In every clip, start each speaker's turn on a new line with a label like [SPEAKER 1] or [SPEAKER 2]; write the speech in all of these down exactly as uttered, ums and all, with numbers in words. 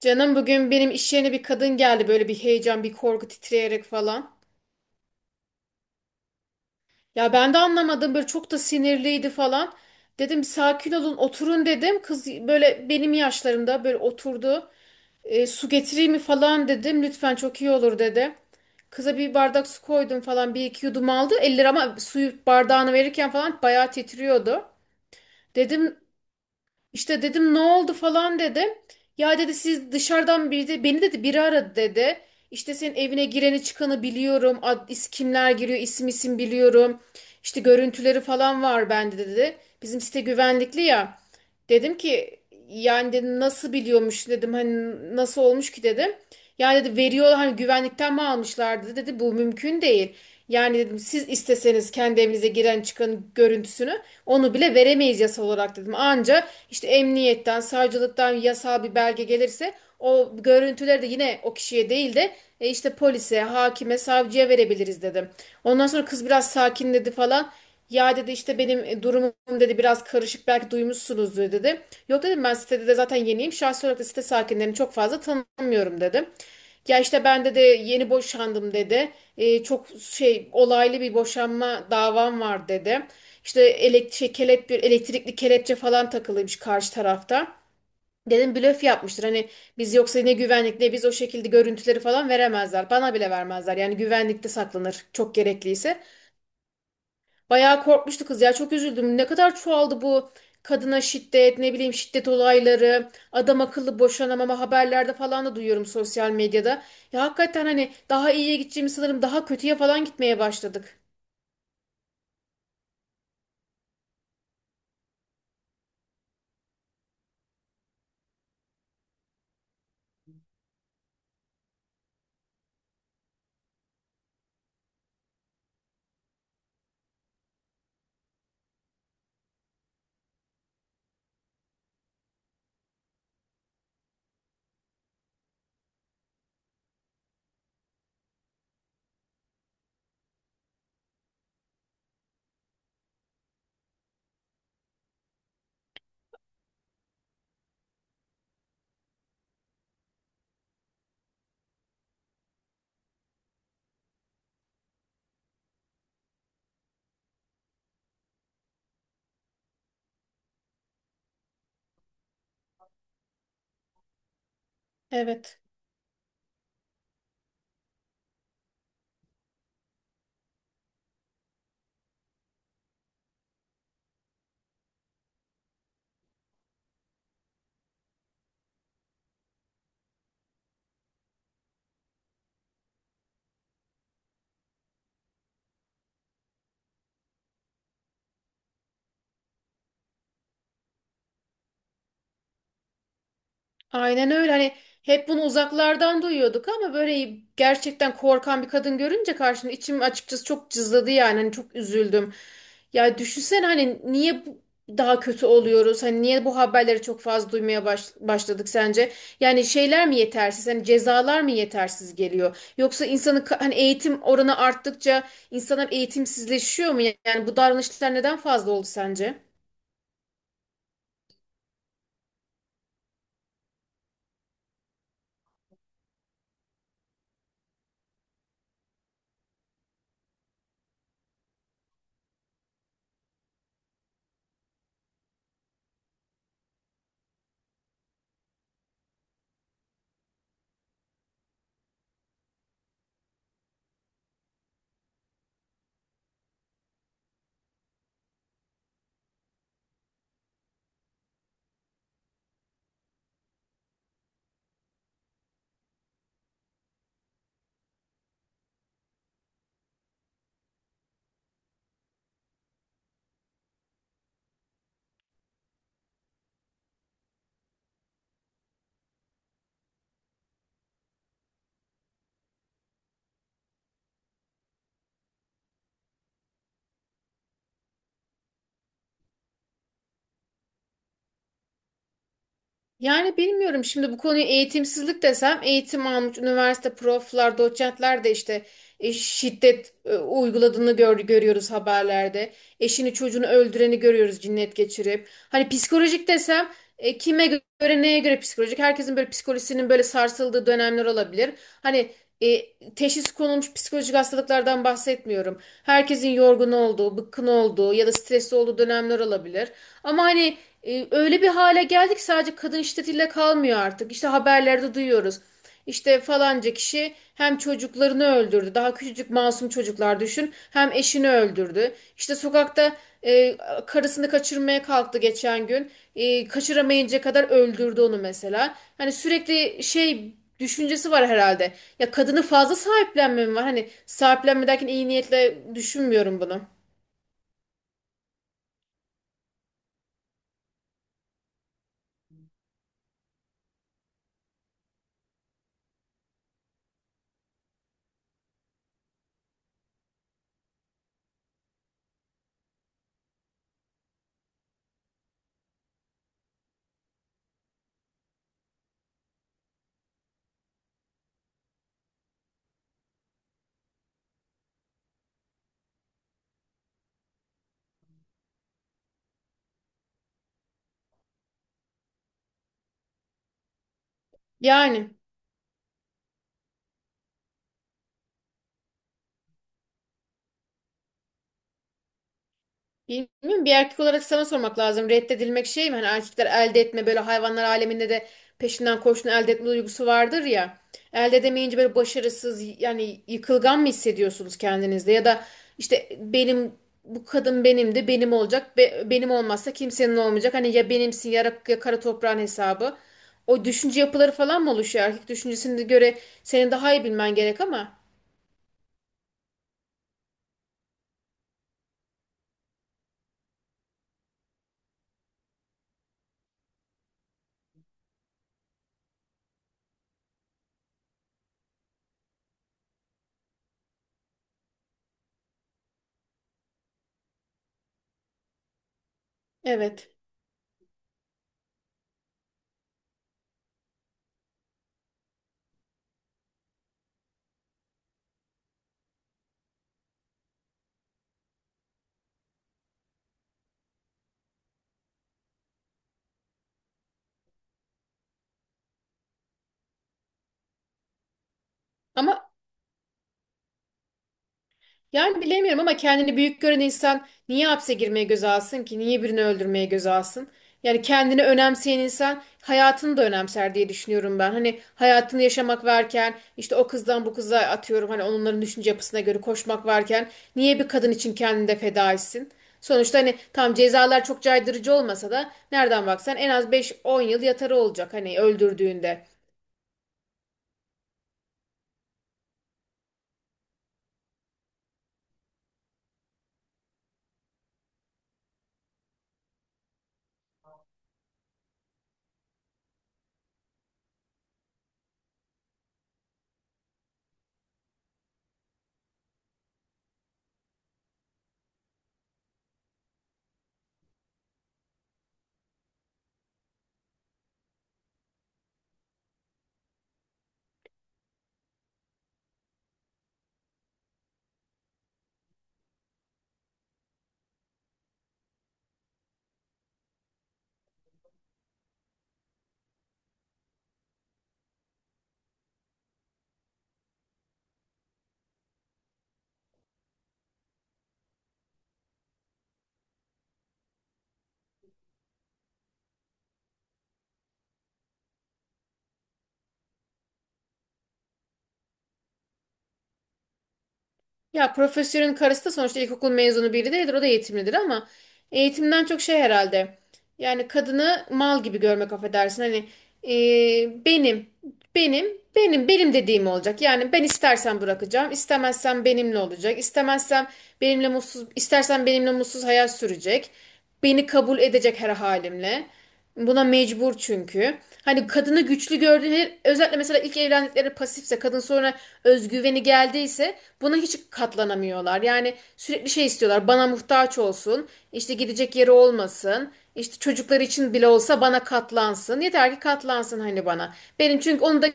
[SPEAKER 1] Canım, bugün benim iş yerine bir kadın geldi, böyle bir heyecan, bir korku, titreyerek falan. Ya ben de anlamadım, böyle çok da sinirliydi falan. Dedim, "Bir sakin olun, oturun," dedim. Kız böyle benim yaşlarımda, böyle oturdu. E, su getireyim mi falan dedim. Lütfen, çok iyi olur dedi. Kıza bir bardak su koydum falan, bir iki yudum aldı. Elleri ama, suyu, bardağını verirken falan bayağı titriyordu. Dedim, İşte dedim, ne oldu falan dedim. Ya dedi, siz dışarıdan biri de- beni dedi biri aradı dedi. İşte senin evine gireni çıkanı biliyorum. Ad, is, kimler giriyor, isim isim biliyorum. İşte görüntüleri falan var bende dedi. Bizim site güvenlikli ya. Dedim ki, yani dedim nasıl biliyormuş dedim, hani nasıl olmuş ki dedim. Yani dedi veriyor, hani güvenlikten mi almışlardı dedi, bu mümkün değil. Yani dedim, siz isteseniz kendi evinize giren çıkan görüntüsünü, onu bile veremeyiz yasa olarak dedim. Anca işte emniyetten, savcılıktan yasal bir belge gelirse o görüntüleri de yine o kişiye değil de e, işte polise, hakime, savcıya verebiliriz dedim. Ondan sonra kız biraz sakinledi falan. Ya dedi, işte benim e, durumum dedi biraz karışık, belki duymuşsunuzdur dedi. Yok dedim, ben sitede de zaten yeniyim. Şahsi olarak da site sakinlerini çok fazla tanımıyorum dedim. Ya işte ben de yeni boşandım dedi, e, çok şey olaylı bir boşanma davam var dedi. İşte elektrik şey, kelepçe- bir elektrikli kelepçe falan takılıymış karşı tarafta. Dedim blöf yapmıştır. Hani biz yoksa ne güvenlik ne biz o şekilde görüntüleri falan veremezler. Bana bile vermezler. Yani güvenlikte saklanır çok gerekliyse. Bayağı korkmuştu kız ya, çok üzüldüm. Ne kadar çoğaldı bu kadına şiddet, ne bileyim şiddet olayları, adam akıllı boşanamama, haberlerde falan da duyuyorum, sosyal medyada. Ya hakikaten hani daha iyiye gideceğimi sanırım, daha kötüye falan gitmeye başladık. Evet. Aynen öyle. Hani hep bunu uzaklardan duyuyorduk ama böyle gerçekten korkan bir kadın görünce karşımda içim açıkçası çok cızladı yani. Hani çok üzüldüm. Ya düşünsene, hani niye bu- daha kötü oluyoruz? Hani niye bu haberleri çok fazla duymaya baş- başladık sence? Yani şeyler mi yetersiz? Hani cezalar mı yetersiz geliyor? Yoksa insanın ka- hani eğitim oranı arttıkça insanlar eğitimsizleşiyor mu? Yani bu davranışlar neden fazla oldu sence? Yani bilmiyorum, şimdi bu konuyu eğitimsizlik desem, eğitim almış üniversite proflar, doçentler de işte e, şiddet e, uyguladığını gör, görüyoruz haberlerde. Eşini çocuğunu öldüreni görüyoruz cinnet geçirip. Hani psikolojik desem e, kime göre, neye göre psikolojik? Herkesin böyle psikolojisinin böyle sarsıldığı dönemler olabilir. Hani e, teşhis konulmuş psikolojik hastalıklardan bahsetmiyorum. Herkesin yorgun olduğu, bıkkın olduğu ya da stresli olduğu dönemler olabilir. Ama hani e, öyle bir hale geldik, sadece kadın şiddetiyle kalmıyor artık. İşte haberlerde duyuyoruz. İşte falanca kişi hem çocuklarını öldürdü. Daha küçücük masum çocuklar, düşün. Hem eşini öldürdü. İşte sokakta e, karısını kaçırmaya kalktı geçen gün. E, kaçıramayınca kadar öldürdü onu mesela. Hani sürekli şey düşüncesi var herhalde. Ya kadını fazla sahiplenme mi var? Hani sahiplenme derken iyi niyetle düşünmüyorum bunu. Yani. Bilmiyorum, bir erkek olarak sana sormak lazım. Reddedilmek şey mi? Hani erkekler elde etme, böyle hayvanlar aleminde de peşinden koşun elde etme duygusu vardır ya. Elde edemeyince böyle başarısız, yani yıkılgan mı hissediyorsunuz kendinizde? Ya da işte benim, bu kadın benim, de benim olacak. Be- benim olmazsa kimsenin olmayacak. Hani ya benimsin ya, ra- ya kara toprağın hesabı. O düşünce yapıları falan mı oluşuyor? Erkek düşüncesine göre senin daha iyi bilmen gerek ama. Evet. Ama yani bilemiyorum, ama kendini büyük gören insan niye hapse girmeye göze alsın ki? Niye birini öldürmeye göze alsın? Yani kendini önemseyen insan hayatını da önemser diye düşünüyorum ben. Hani hayatını yaşamak varken, işte o kızdan bu kıza atıyorum, hani onların düşünce yapısına göre koşmak varken niye bir kadın için kendini de feda etsin? Sonuçta hani tam cezalar çok caydırıcı olmasa da nereden baksan en az beş on yıl yatarı olacak hani öldürdüğünde. Ya profesörün karısı da sonuçta ilkokul mezunu biri değildir. O da eğitimlidir ama eğitimden çok şey herhalde. Yani kadını mal gibi görmek, affedersin. Hani e, benim, benim, benim, benim dediğim olacak. Yani ben istersen bırakacağım, istemezsem benimle olacak, istemezsem benimle mutsuz, istersen benimle mutsuz hayat sürecek. Beni kabul edecek her halimle. Buna mecbur çünkü. Hani kadını güçlü gördüğü, özellikle mesela ilk evlendikleri pasifse kadın, sonra özgüveni geldiyse, buna hiç katlanamıyorlar. Yani sürekli şey istiyorlar, bana muhtaç olsun, işte gidecek yeri olmasın, işte çocukları için bile olsa bana katlansın, yeter ki katlansın hani bana. Benim çünkü onu da,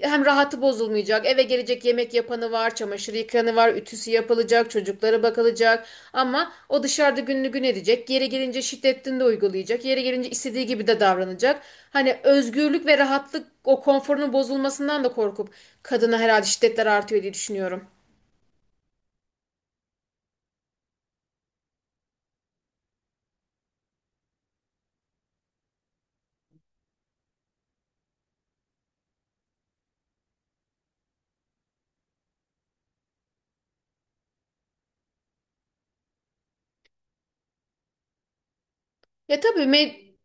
[SPEAKER 1] hem rahatı bozulmayacak, eve gelecek yemek yapanı var, çamaşır yıkanı var, ütüsü yapılacak, çocuklara bakılacak. Ama o dışarıda gününü gün edecek, yere gelince şiddetini de uygulayacak, yere gelince istediği gibi de davranacak. Hani özgürlük ve rahatlık, o konforunun bozulmasından da korkup kadına herhalde şiddetler artıyor diye düşünüyorum. Ya tabii me-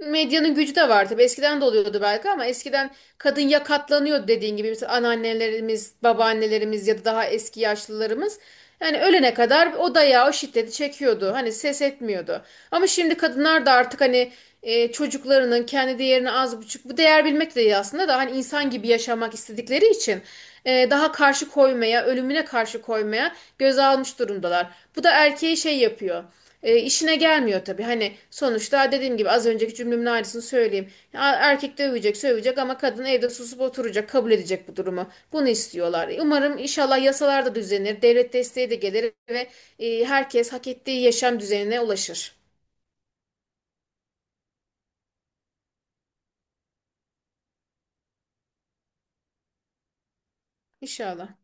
[SPEAKER 1] medyanın gücü de var tabii. Eskiden de oluyordu belki ama eskiden kadın ya katlanıyordu dediğin gibi. Mesela anneannelerimiz, babaannelerimiz ya da daha eski yaşlılarımız. Yani ölene kadar o dayağı, o şiddeti çekiyordu. Hani ses etmiyordu. Ama şimdi kadınlar da artık hani e, çocuklarının kendi değerini az buçuk, bu değer bilmek de iyi aslında da, hani insan gibi yaşamak istedikleri için e, daha karşı koymaya, ölümüne karşı koymaya göz almış durumdalar. Bu da erkeği şey yapıyor. E, işine gelmiyor tabii. Hani sonuçta dediğim gibi az önceki cümlemin aynısını söyleyeyim. Ya, erkek de övecek, sövecek ama kadın evde susup oturacak, kabul edecek bu durumu. Bunu istiyorlar. Umarım inşallah yasalar da düzenir, devlet desteği de gelir ve e, herkes hak ettiği yaşam düzenine ulaşır. İnşallah.